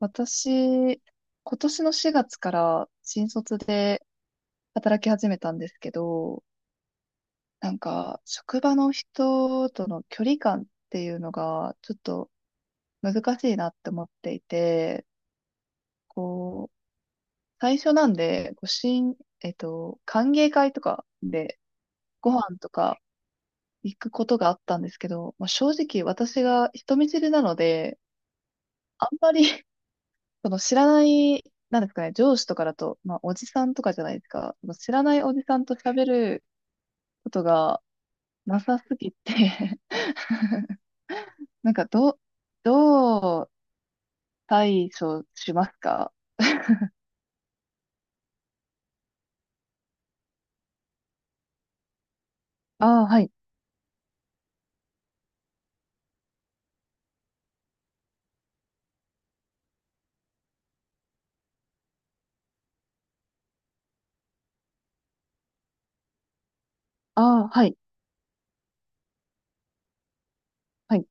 私、今年の4月から新卒で働き始めたんですけど、なんか、職場の人との距離感っていうのが、ちょっと難しいなって思っていて、こう、最初なんで、こう、新、えっと、歓迎会とかでご飯とか行くことがあったんですけど、まあ、正直私が人見知りなので、あんまり その知らない、なんですかね、上司とかだと、まあ、おじさんとかじゃないですか。その知らないおじさんと喋ることがなさすぎて なんか、どう対処しますか？ああー、はい。ああ、はい。はい。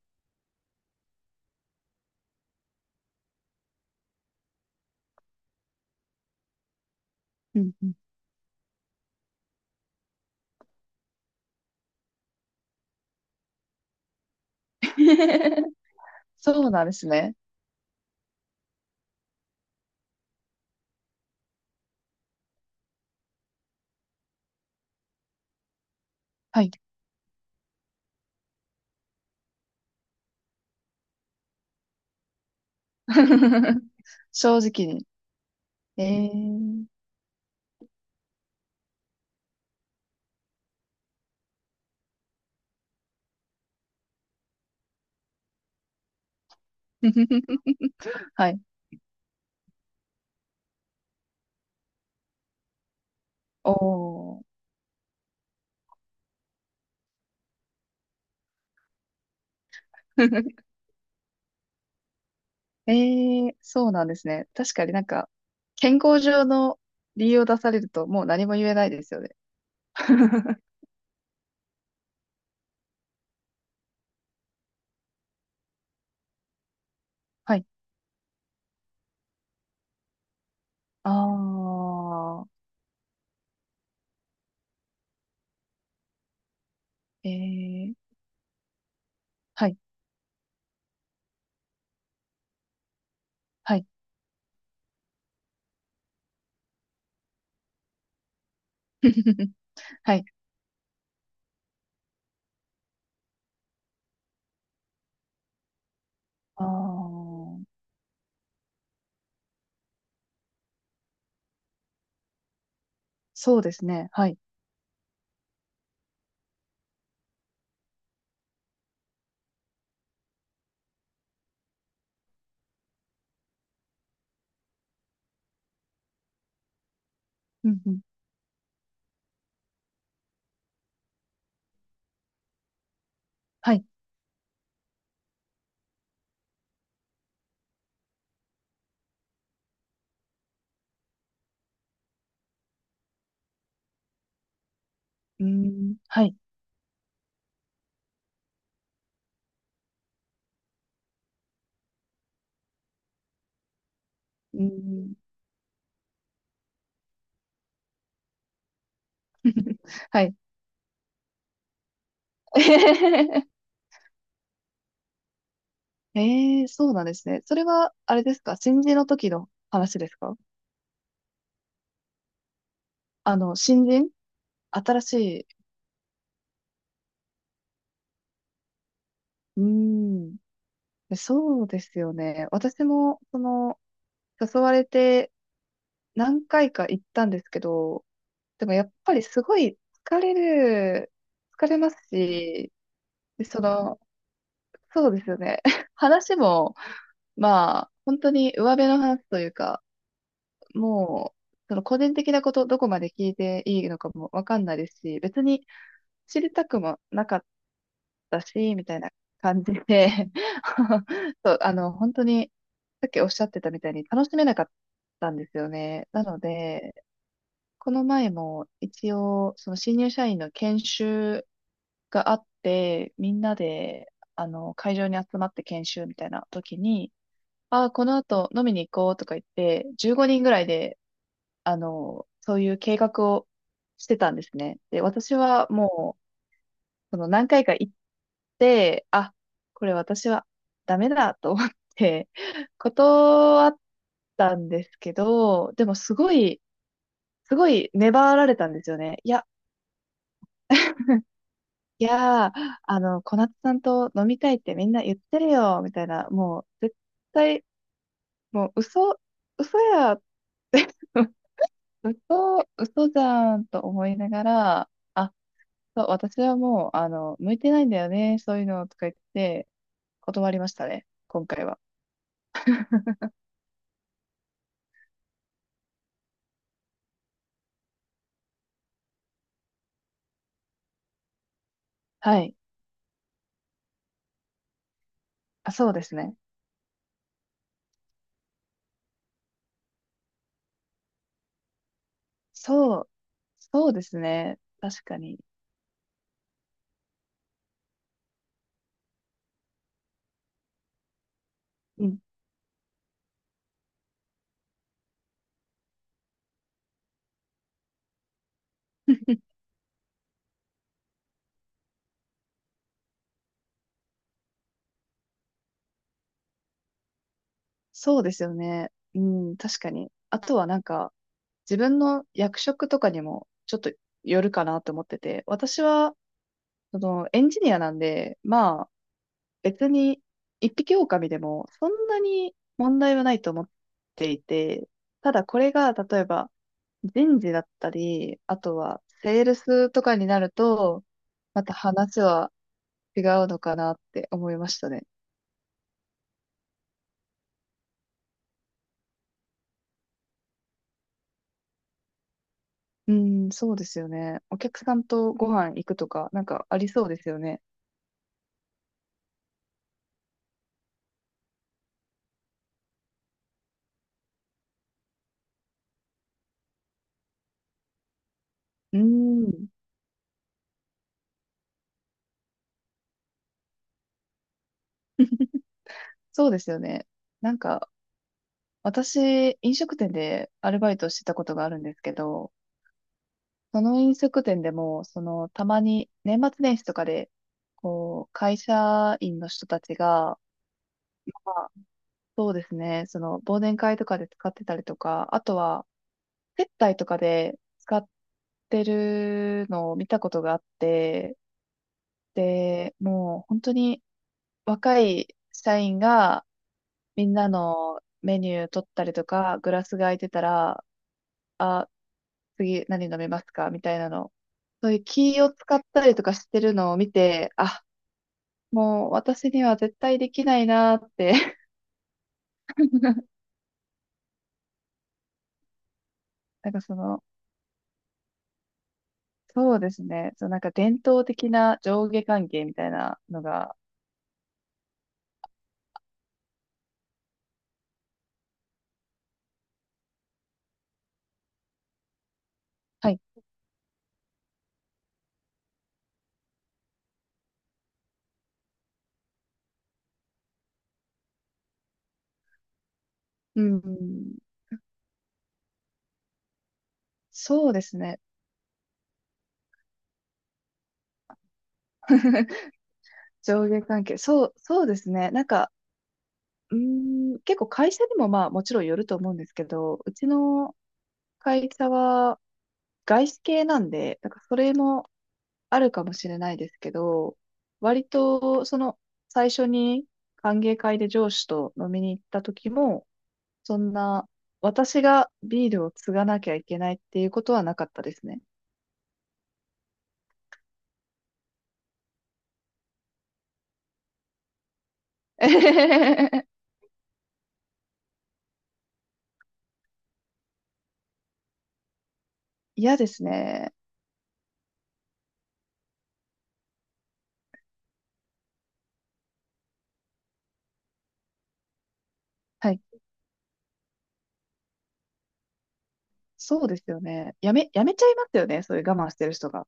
うんうん そうなんですね。はい。正直に。ええー はい。おー。ええそうなんですね。確かになんか、健康上の理由を出されるともう何も言えないですよね。はい。ああ、ええはい、はい。はい。ああ、そうですね。はい。うん、うん、はい。うーん、はい。うーん、はい。ええそうなんですね。それは、あれですか新人の時の話ですか？あの、新人新しい。うーん。そうですよね。私も、その、誘われて何回か行ったんですけど、でもやっぱりすごい疲れる、疲れますし、でその、そうですよね。話も、まあ、本当に上辺の話というか、もう、その個人的なこと、どこまで聞いていいのかもわかんないですし、別に知りたくもなかったし、みたいな感じで そう、あの、本当に、さっきおっしゃってたみたいに楽しめなかったんですよね。なので、この前も一応、その新入社員の研修があって、みんなで、あの、会場に集まって研修みたいな時に、ああ、この後飲みに行こうとか言って、15人ぐらいで、あの、そういう計画をしてたんですね。で、私はもう、その何回か行って、あ、これ私はダメだと思って、断ったんですけど、でもすごい粘られたんですよね。いやいやー、あの、小夏さんと飲みたいってみんな言ってるよ、みたいな、もう、絶対、もう、嘘、嘘やって 嘘、嘘じゃんと思いながら、あ、そう、私はもう、あの、向いてないんだよね、そういうの、とか言って、断りましたね、今回は。はい。あ、そうですね。そう、そうですね。確かに。うん。そうですよね。うん、確かに。あとはなんか、自分の役職とかにもちょっとよるかなと思ってて、私は、その、エンジニアなんで、まあ、別に、一匹狼でも、そんなに問題はないと思っていて、ただこれが、例えば、人事だったり、あとは、セールスとかになると、また話は違うのかなって思いましたね。うん、そうですよね。お客さんとご飯行くとか、なんかありそうですよね。うん、そうですよね。なんか、私、飲食店でアルバイトしてたことがあるんですけど、その飲食店でも、その、たまに年末年始とかで、こう、会社員の人たちが、まあそうですね、その、忘年会とかで使ってたりとか、あとは、接待とかで使ってるのを見たことがあって、で、もう本当に若い社員がみんなのメニュー取ったりとか、グラスが空いてたら、あ、次何飲めますかみたいなの。そういう気を使ったりとかしてるのを見て、あ、もう私には絶対できないなーって。なんかその、そうですね。そう、なんか伝統的な上下関係みたいなのが、はい。うん。そうですね。上下関係。そう、そうですね。なんか、うーん、結構会社にもまあもちろんよると思うんですけど、うちの会社は外資系なんで、なんかそれもあるかもしれないですけど、割と、その、最初に歓迎会で上司と飲みに行った時も、そんな、私がビールを継がなきゃいけないっていうことはなかったですね。嫌ですね。はい。そうですよね。やめちゃいますよね。そういう我慢してる人が。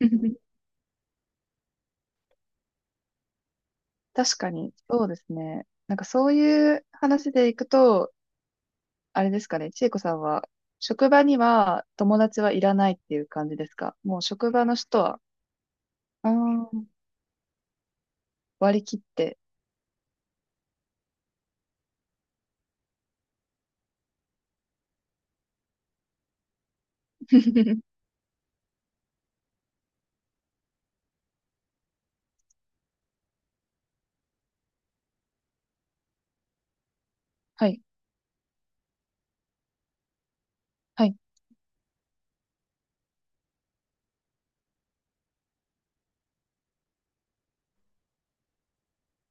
確かに、そうですね。なんかそういう話でいくと、あれですかね、千恵子さんは、職場には友達はいらないっていう感じですか？もう職場の人は、あー割り切って。はい。はい。